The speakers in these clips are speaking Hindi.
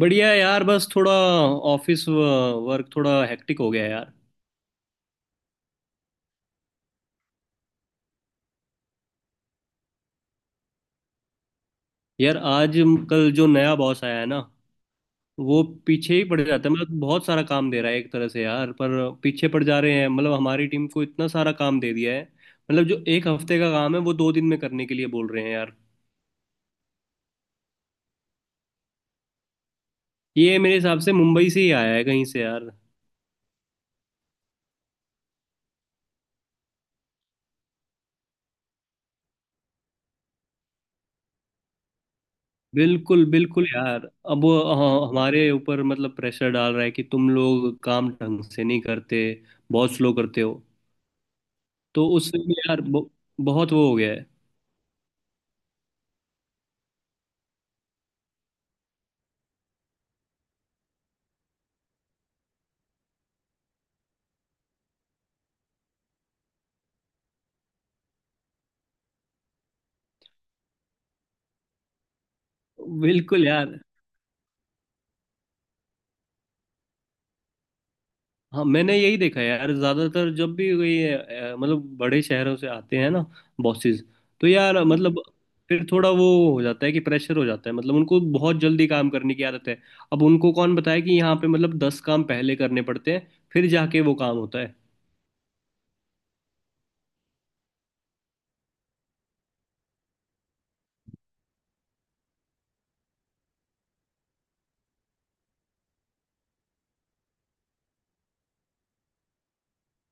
बढ़िया है यार, बस थोड़ा ऑफिस वर्क थोड़ा हेक्टिक हो गया है यार। यार आज कल जो नया बॉस आया है ना, वो पीछे ही पड़ जाता है, मतलब बहुत सारा काम दे रहा है एक तरह से यार। पर पीछे पड़ जा रहे हैं, मतलब हमारी टीम को इतना सारा काम दे दिया है। मतलब जो एक हफ्ते का काम है वो दो दिन में करने के लिए बोल रहे हैं यार। ये मेरे हिसाब से मुंबई से ही आया है कहीं से यार। बिल्कुल बिल्कुल यार। अब वो हाँ, हमारे ऊपर मतलब प्रेशर डाल रहा है कि तुम लोग काम ढंग से नहीं करते, बहुत स्लो करते हो। तो उससे भी यार बहुत वो हो गया है। बिल्कुल यार। हाँ, मैंने यही देखा है यार, ज्यादातर जब भी कोई मतलब बड़े शहरों से आते हैं ना बॉसेस, तो यार मतलब फिर थोड़ा वो हो जाता है कि प्रेशर हो जाता है। मतलब उनको बहुत जल्दी काम करने की आदत है। अब उनको कौन बताए कि यहाँ पे मतलब 10 काम पहले करने पड़ते हैं, फिर जाके वो काम होता है।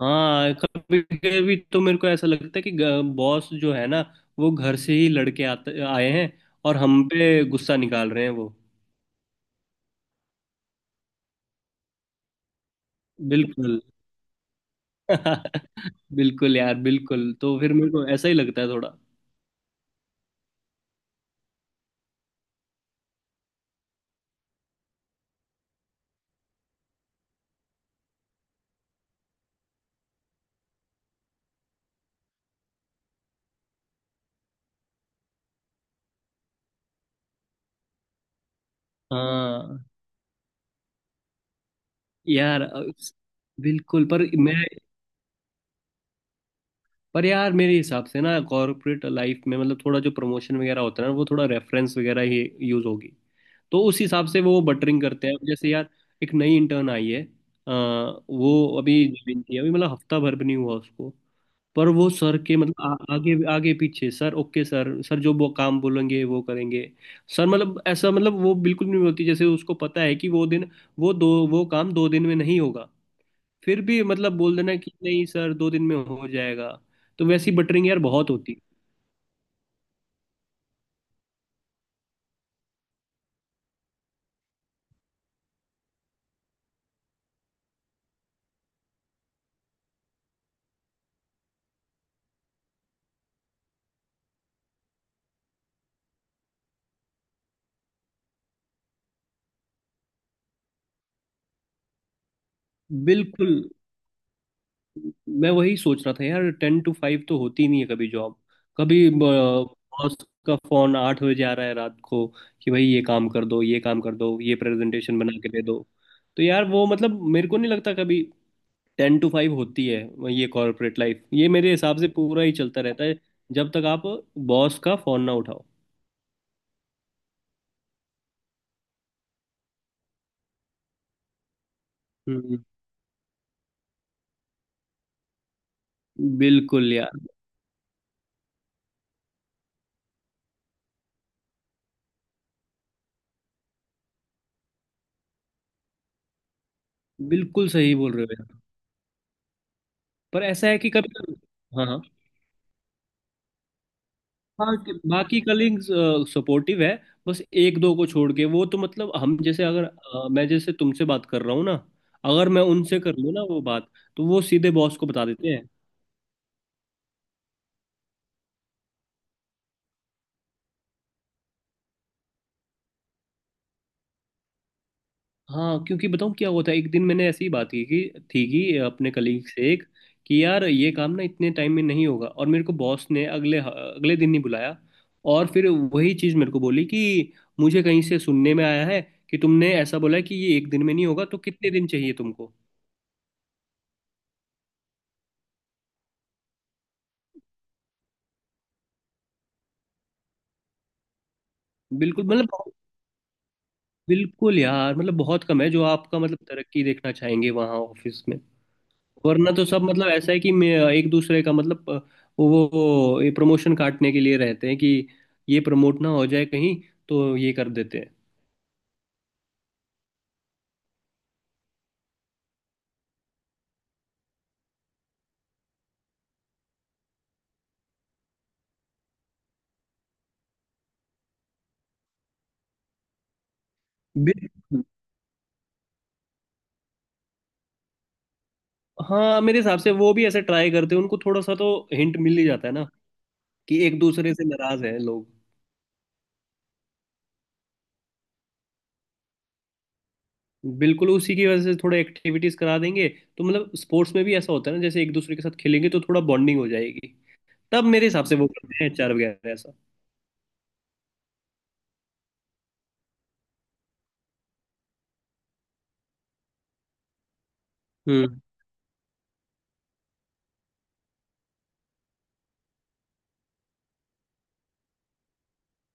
हाँ, कभी कभी तो मेरे को ऐसा लगता है कि बॉस जो है ना, वो घर से ही लड़के आते आए हैं और हम पे गुस्सा निकाल रहे हैं वो। बिल्कुल बिल्कुल यार, बिल्कुल। तो फिर मेरे को ऐसा ही लगता है थोड़ा। हाँ यार, बिल्कुल। पर मैं, पर यार मेरे हिसाब से ना कॉर्पोरेट लाइफ में मतलब थोड़ा जो प्रमोशन वगैरह होता है ना, वो थोड़ा रेफरेंस वगैरह ही यूज होगी। तो उस हिसाब से वो बटरिंग करते हैं। अब जैसे यार, एक नई इंटर्न आई है। अ, वो अभी ज्वाइन की है, अभी मतलब हफ्ता भर भी नहीं हुआ उसको। पर वो सर के मतलब आगे आगे पीछे, सर ओके सर, सर जो वो काम बोलेंगे वो करेंगे। सर मतलब ऐसा, मतलब वो बिल्कुल नहीं बोलती। जैसे उसको पता है कि वो काम 2 दिन में नहीं होगा, फिर भी मतलब बोल देना कि नहीं सर, 2 दिन में हो जाएगा। तो वैसी बटरिंग यार बहुत होती है। बिल्कुल, मैं वही सोच रहा था यार, 10 to 5 तो होती नहीं है कभी जॉब। कभी बॉस का फोन 8 बजे आ रहा है रात को कि भाई ये काम कर दो, ये काम कर दो, ये प्रेजेंटेशन बना के दे दो। तो यार वो मतलब मेरे को नहीं लगता कभी 10 to 5 होती है ये कॉर्पोरेट लाइफ। ये मेरे हिसाब से पूरा ही चलता रहता है, जब तक आप बॉस का फोन ना उठाओ। हम्म, बिल्कुल यार, बिल्कुल सही बोल रहे हो यार। पर ऐसा है कि कभी। हाँ, हाँ, हाँ। कि बाकी कलीग्स सपोर्टिव है, बस एक दो को छोड़ के। वो तो मतलब हम जैसे अगर मैं जैसे तुमसे बात कर रहा हूँ ना, अगर मैं उनसे कर लूँ ना वो बात, तो वो सीधे बॉस को बता देते हैं। हाँ, क्योंकि बताऊँ क्या होता है, एक दिन मैंने ऐसी ही बात की कि थी कि अपने कलीग से एक, कि यार ये काम ना इतने टाइम में नहीं होगा। और मेरे को बॉस ने अगले अगले दिन ही बुलाया, और फिर वही चीज़ मेरे को बोली कि मुझे कहीं से सुनने में आया है कि तुमने ऐसा बोला है कि ये एक दिन में नहीं होगा, तो कितने दिन चाहिए तुमको। बिल्कुल, मतलब बिल्कुल यार। मतलब बहुत कम है जो आपका मतलब तरक्की देखना चाहेंगे वहाँ ऑफिस में। वरना तो सब मतलब ऐसा है कि मैं एक दूसरे का, मतलब वो वो ये प्रमोशन काटने के लिए रहते हैं कि ये प्रमोट ना हो जाए कहीं, तो ये कर देते हैं। बिल्कुल। हाँ, मेरे हिसाब से वो भी ऐसे ट्राई करते हैं। उनको थोड़ा सा तो हिंट मिल ही जाता है ना कि एक दूसरे से नाराज है लोग। बिल्कुल, उसी की वजह से थोड़े एक्टिविटीज करा देंगे। तो मतलब स्पोर्ट्स में भी ऐसा होता है ना, जैसे एक दूसरे के साथ खेलेंगे तो थोड़ा बॉन्डिंग हो जाएगी। तब मेरे हिसाब से वो करते हैं एचआर वगैरह ऐसा। हम्म।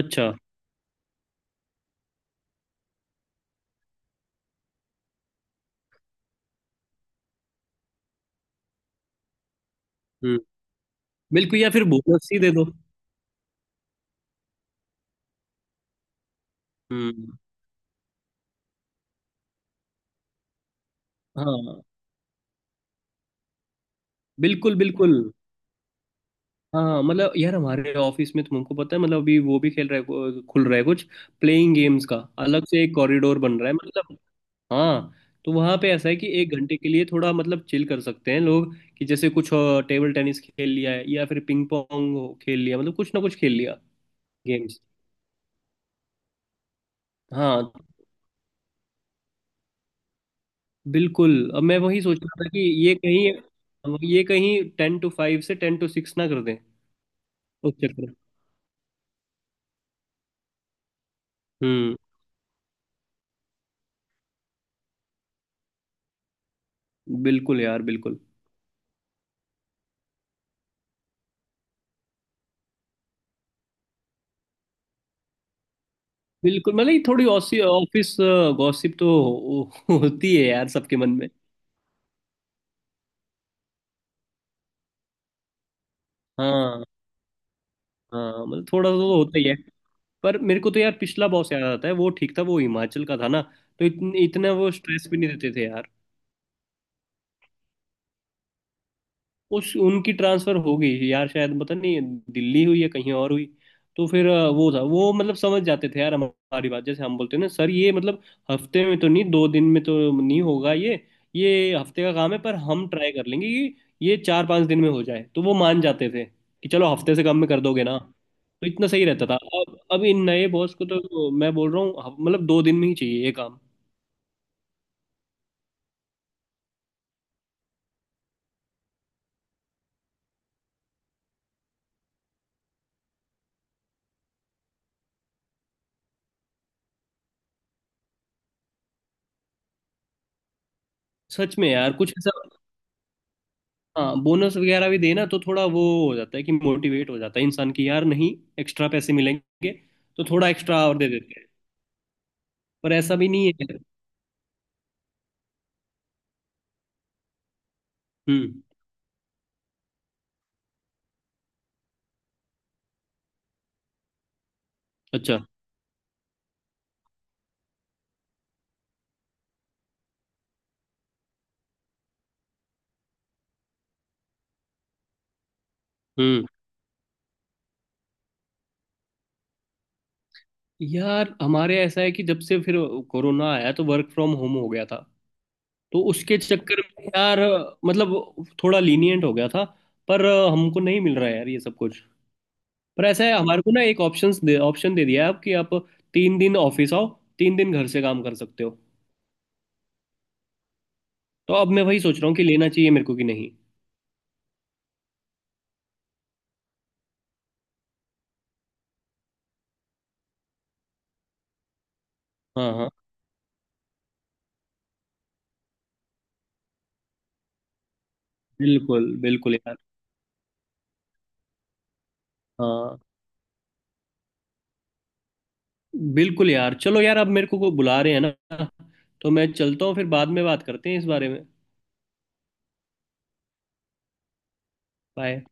अच्छा। हम्म। बिल्कुल, या फिर भूख लस्सी दे दो। हम्म। हाँ। बिल्कुल बिल्कुल। हाँ हाँ, मतलब यार हमारे ऑफिस में तुमको पता है मतलब अभी वो भी खेल रहा है, खुल रहा है कुछ। प्लेइंग गेम्स का अलग से एक कॉरिडोर बन रहा है मतलब। हाँ। तो वहाँ पे ऐसा है कि एक घंटे के लिए थोड़ा मतलब चिल कर सकते हैं लोग, कि जैसे कुछ टेबल टेनिस खेल लिया है, या फिर पिंग पोंग खेल लिया, मतलब कुछ ना कुछ खेल लिया गेम्स। हाँ, बिल्कुल। अब मैं वही सोच रहा था कि ये कहीं 10 to 5 से 10 to 6 ना कर दें उस चक्कर में। हम्म। बिल्कुल यार, बिल्कुल बिल्कुल। मतलब ये थोड़ी ऑसी ऑफिस गॉसिप तो होती है यार सबके मन में। हाँ हाँ, मतलब थोड़ा तो होता ही है। पर मेरे को तो यार पिछला बॉस याद आता है, वो ठीक था, वो हिमाचल का था ना। तो इतने इतना वो स्ट्रेस भी नहीं देते थे। उस उनकी ट्रांसफर हो गई यार, शायद पता नहीं, दिल्ली हुई या कहीं और हुई। तो फिर वो था वो, मतलब समझ जाते थे यार हमारी बात। जैसे हम बोलते हैं ना सर ये मतलब हफ्ते में तो नहीं, 2 दिन में तो नहीं होगा ये हफ्ते का काम है, पर हम ट्राई कर लेंगे कि ये 4-5 दिन में हो जाए, तो वो मान जाते थे कि चलो हफ्ते से कम में कर दोगे ना, तो इतना सही रहता था। अब इन नए बॉस को तो मैं बोल रहा हूँ, मतलब 2 दिन में ही चाहिए ये काम। सच में यार कुछ ऐसा। हाँ, बोनस वगैरह भी देना तो थोड़ा वो हो जाता है कि मोटिवेट हो जाता है इंसान। की यार नहीं, एक्स्ट्रा पैसे मिलेंगे तो थोड़ा एक्स्ट्रा और दे देते हैं। पर ऐसा भी नहीं है। हम्म। अच्छा। हम्म। यार हमारे ऐसा है कि जब से फिर कोरोना आया तो वर्क फ्रॉम होम हो गया था, तो उसके चक्कर में यार मतलब थोड़ा लीनियंट हो गया था। पर हमको नहीं मिल रहा है यार ये सब कुछ। पर ऐसा है, हमारे को ना एक ऑप्शन दे दिया है अब कि आप 3 दिन ऑफिस आओ, 3 दिन घर से काम कर सकते हो। तो अब मैं वही सोच रहा हूँ कि लेना चाहिए मेरे को कि नहीं। हाँ हाँ, बिल्कुल बिल्कुल यार। हाँ, बिल्कुल यार, चलो यार अब मेरे को बुला रहे हैं ना, तो मैं चलता हूँ, फिर बाद में बात करते हैं इस बारे में। बाय।